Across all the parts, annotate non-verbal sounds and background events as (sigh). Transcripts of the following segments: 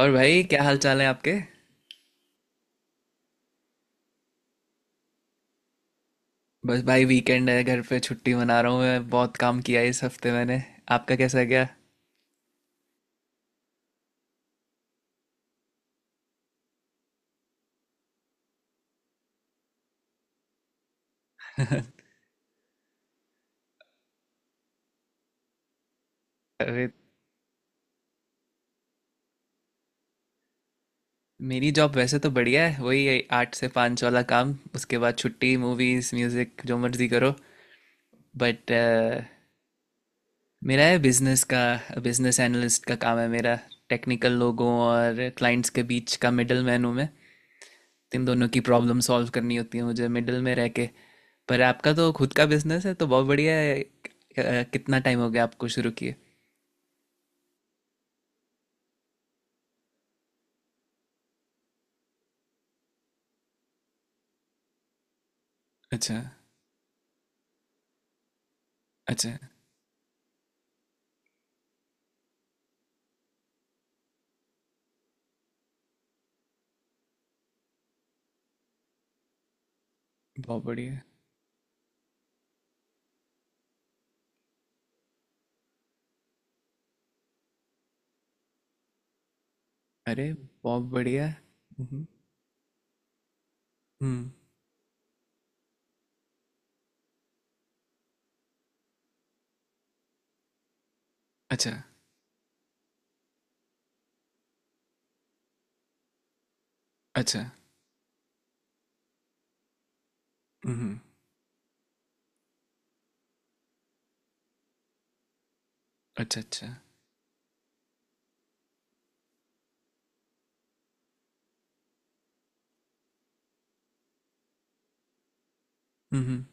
और भाई क्या हाल चाल है आपके। बस भाई वीकेंड है, घर पे छुट्टी मना रहा हूँ। मैं बहुत काम किया है इस हफ्ते मैंने। आपका कैसा गया। अरे, मेरी जॉब वैसे तो बढ़िया है, वही है, आठ से पाँच वाला काम, उसके बाद छुट्टी मूवीज म्यूजिक जो मर्जी करो। बट मेरा है बिजनेस का। बिजनेस एनालिस्ट का काम है मेरा। टेक्निकल लोगों और क्लाइंट्स के बीच का मिडल मैन हूँ मैं। इन दोनों की प्रॉब्लम सॉल्व करनी होती है मुझे मिडिल में रह के। पर आपका तो खुद का बिजनेस है तो बहुत बढ़िया है। कितना टाइम हो गया आपको शुरू किए। अच्छा, अच्छा। बहुत बढ़िया। अरे, बहुत बढ़िया। हम्म। हम्म। अच्छा, अच्छा। हम्म। अच्छा, अच्छा। हम्म।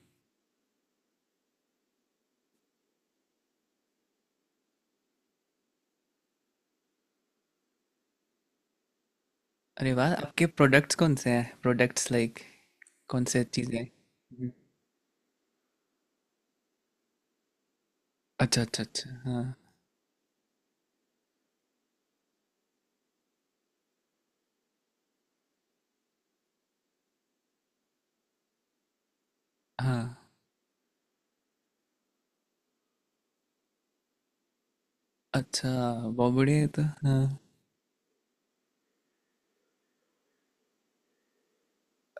अरे वाह, आपके प्रोडक्ट्स कौन से हैं? प्रोडक्ट्स लाइक कौन से चीज़ें हैं? अच्छा, अच्छा, अच्छा, हाँ। हाँ। अच्छा। बहुत बढ़िया है। तो हाँ,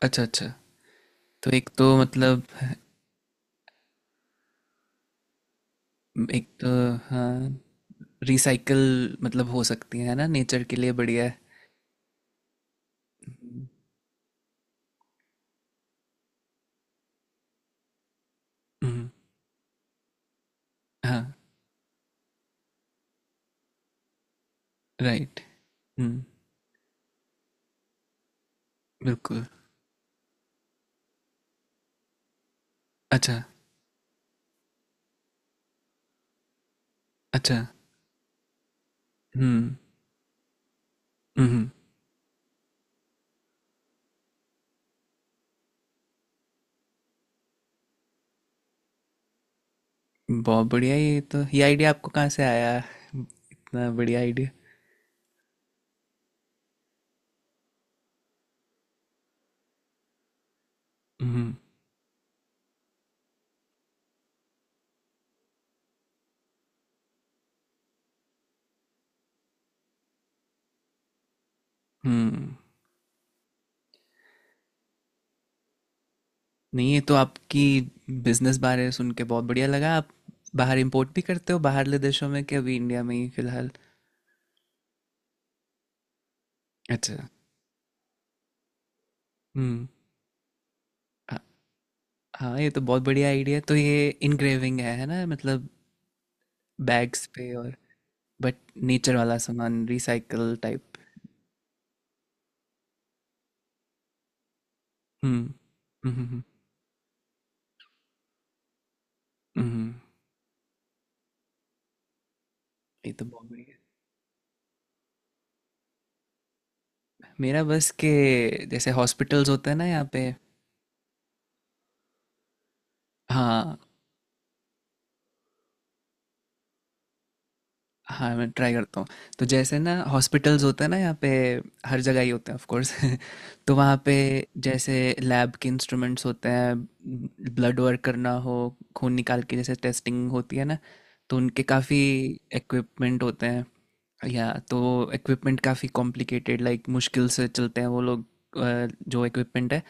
अच्छा, अच्छा। तो एक तो मतलब, एक तो हाँ, रिसाइकल मतलब हो सकती हैं, है ना, नेचर के लिए बढ़िया है। हम्म। हाँ। राइट। हम्म। बिल्कुल। अच्छा। अच्छा। हम्म। हम्म। बहुत बढ़िया। ये आइडिया आपको कहाँ से आया? इतना बढ़िया आइडिया। हम्म। हम्म। नहीं, ये तो आपकी बिजनेस बारे सुन के बहुत बढ़िया लगा। आप बाहर इंपोर्ट भी करते हो बाहरले देशों में कि अभी इंडिया में ही फिलहाल। अच्छा। हम्म। हाँ। हाँ, ये तो बहुत बढ़िया आइडिया है। तो ये इनग्रेविंग है ना, मतलब बैग्स पे। और बट नेचर वाला सामान, रिसाइकल टाइप। हम्म। हम्म। हम्म। हम्म। ये तो बहुत बढ़िया है। मेरा बस के, जैसे हॉस्पिटल्स होते हैं ना यहाँ पे। हाँ। हाँ, मैं ट्राई करता हूँ। तो जैसे ना हॉस्पिटल्स होते हैं ना यहाँ पे, हर जगह ही होते हैं ऑफ कोर्स। (laughs) तो वहाँ पे, जैसे लैब के इंस्ट्रूमेंट्स होते हैं, ब्लड वर्क करना हो, खून निकाल के जैसे टेस्टिंग होती है ना। तो उनके काफ़ी इक्विपमेंट होते हैं। या तो इक्विपमेंट काफ़ी कॉम्प्लिकेटेड, लाइक मुश्किल से चलते हैं वो लोग जो इक्विपमेंट है।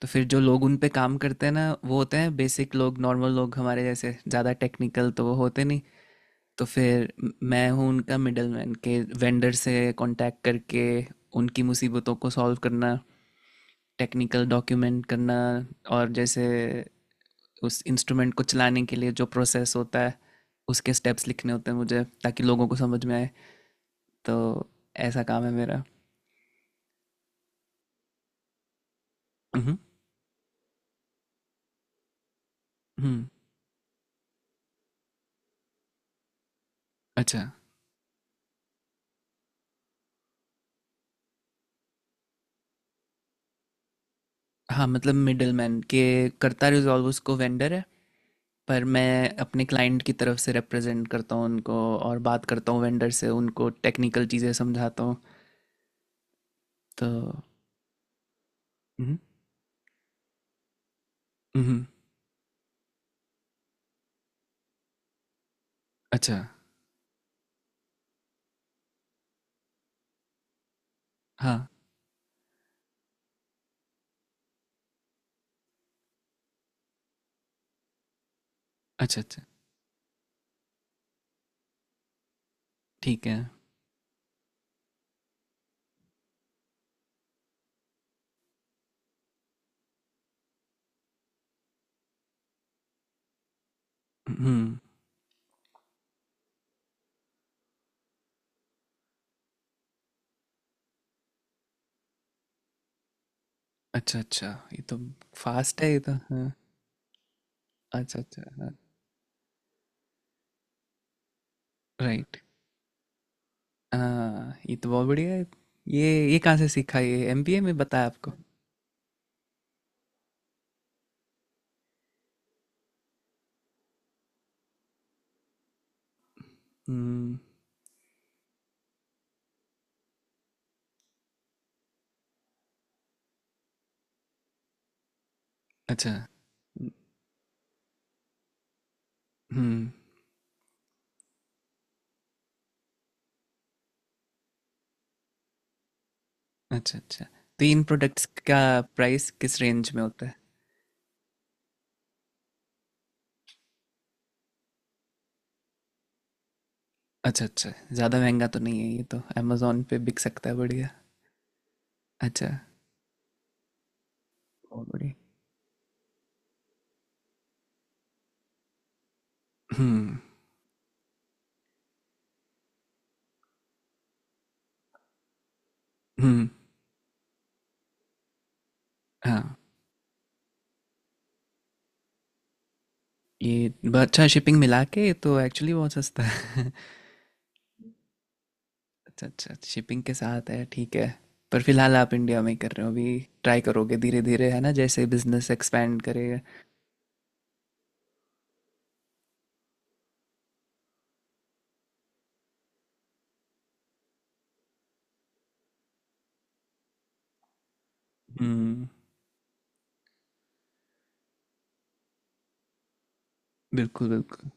तो फिर जो लोग उन पे काम करते हैं ना, वो होते हैं बेसिक लोग, नॉर्मल लोग हमारे जैसे, ज़्यादा टेक्निकल तो वो होते नहीं। तो फिर मैं हूँ उनका मिडल मैन, के वेंडर से कांटेक्ट करके उनकी मुसीबतों को सॉल्व करना, टेक्निकल डॉक्यूमेंट करना। और जैसे उस इंस्ट्रूमेंट को चलाने के लिए जो प्रोसेस होता है, उसके स्टेप्स लिखने होते हैं मुझे ताकि लोगों को समझ में आए। तो ऐसा काम है मेरा। हम्म। हम्म। अच्छा। हाँ, मतलब मिडलमैन के, करता रिजॉल्व उसको वेंडर है, पर मैं अपने क्लाइंट की तरफ से रिप्रेजेंट करता हूँ उनको और बात करता हूँ वेंडर से, उनको टेक्निकल चीज़ें समझाता हूँ। तो हम्म। हम्म। अच्छा। हाँ। अच्छा, अच्छा। ठीक है। हम्म। अच्छा, अच्छा। ये तो फास्ट है ये तो, हाँ। अच्छा, अच्छा। राइट। हाँ, ये तो बहुत बढ़िया है। ये कहाँ से सीखा? ये एमबीए में बताया आपको? हम्म। अच्छा। हम्म। अच्छा, अच्छा। तो इन प्रोडक्ट्स का प्राइस किस रेंज में होता है? अच्छा, अच्छा। ज़्यादा महँगा तो नहीं है ये तो, अमेज़न पे बिक सकता है, बढ़िया। अच्छा, बहुत बढ़िया। हुँ। हुँ। हाँ। ये ब अच्छा, शिपिंग मिला के ये तो एक्चुअली बहुत सस्ता है। (laughs) अच्छा, अच्छा, शिपिंग के साथ है, ठीक है। पर फ़िलहाल आप इंडिया में ही कर रहे हो अभी, ट्राई करोगे धीरे-धीरे, है ना, जैसे बिज़नेस एक्सपैंड करेगा। हुँ, बिल्कुल, बिल्कुल।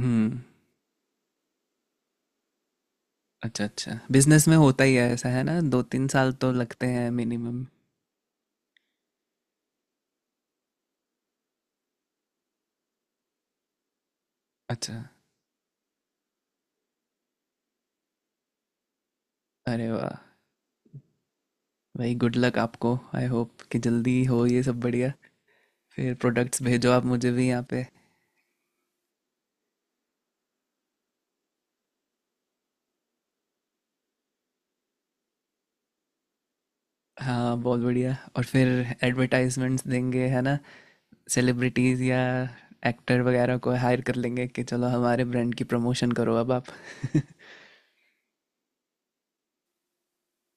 हुँ, अच्छा, अच्छा। बिज़नेस में होता ही है ऐसा, है ना, 2-3 साल तो लगते हैं मिनिमम। अच्छा। अरे वाह, भाई गुड लक आपको, आई होप कि जल्दी हो ये सब, बढ़िया। फिर प्रोडक्ट्स भेजो आप मुझे भी यहाँ पे। हाँ, बहुत बढ़िया। और फिर एडवर्टाइजमेंट्स देंगे, है ना, सेलिब्रिटीज़ या एक्टर वगैरह को हायर कर लेंगे कि चलो हमारे ब्रांड की प्रमोशन करो अब आप।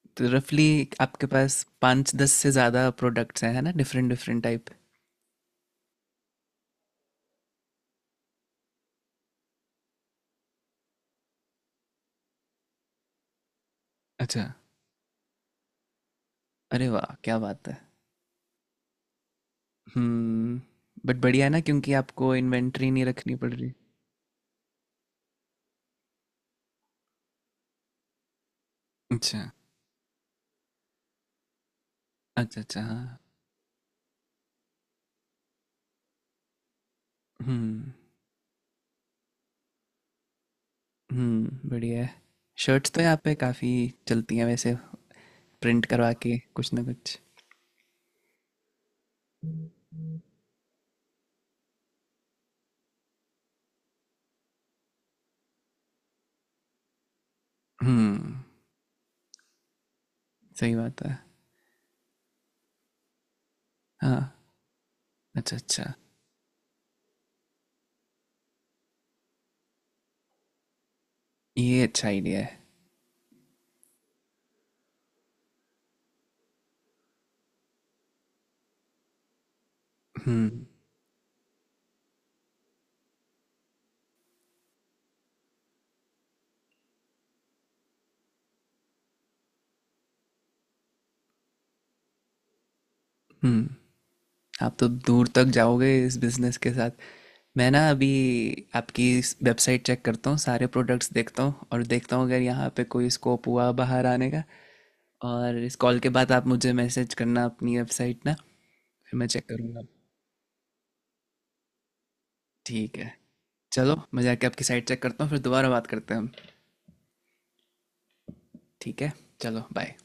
(laughs) तो रफली आपके पास पाँच दस से ज़्यादा प्रोडक्ट्स हैं, है ना, डिफरेंट डिफरेंट टाइप। अच्छा। अरे वाह, क्या बात है। हम्म। बट बढ़िया है ना, क्योंकि आपको इन्वेंट्री नहीं रखनी पड़ रही। अच्छा, अच्छा, अच्छा, हाँ। हम्म। हम्म। बढ़िया है। शर्ट्स तो यहाँ पे काफ़ी चलती हैं वैसे, प्रिंट करवा के कुछ ना कुछ। हम्म। सही बात है। हाँ। अच्छा, अच्छा। ये अच्छा आइडिया है। हम्म। हम्म। आप तो दूर तक जाओगे इस बिजनेस के साथ। मैं ना अभी आपकी वेबसाइट चेक करता हूँ, सारे प्रोडक्ट्स देखता हूँ, और देखता हूँ अगर यहाँ पे कोई स्कोप हुआ बाहर आने का। और इस कॉल के बाद आप मुझे मैसेज करना अपनी वेबसाइट ना, फिर मैं चेक करूँगा। ठीक है, चलो मैं जाके आपकी साइट चेक करता हूँ, फिर दोबारा बात करते हैं हम। ठीक है। चलो बाय।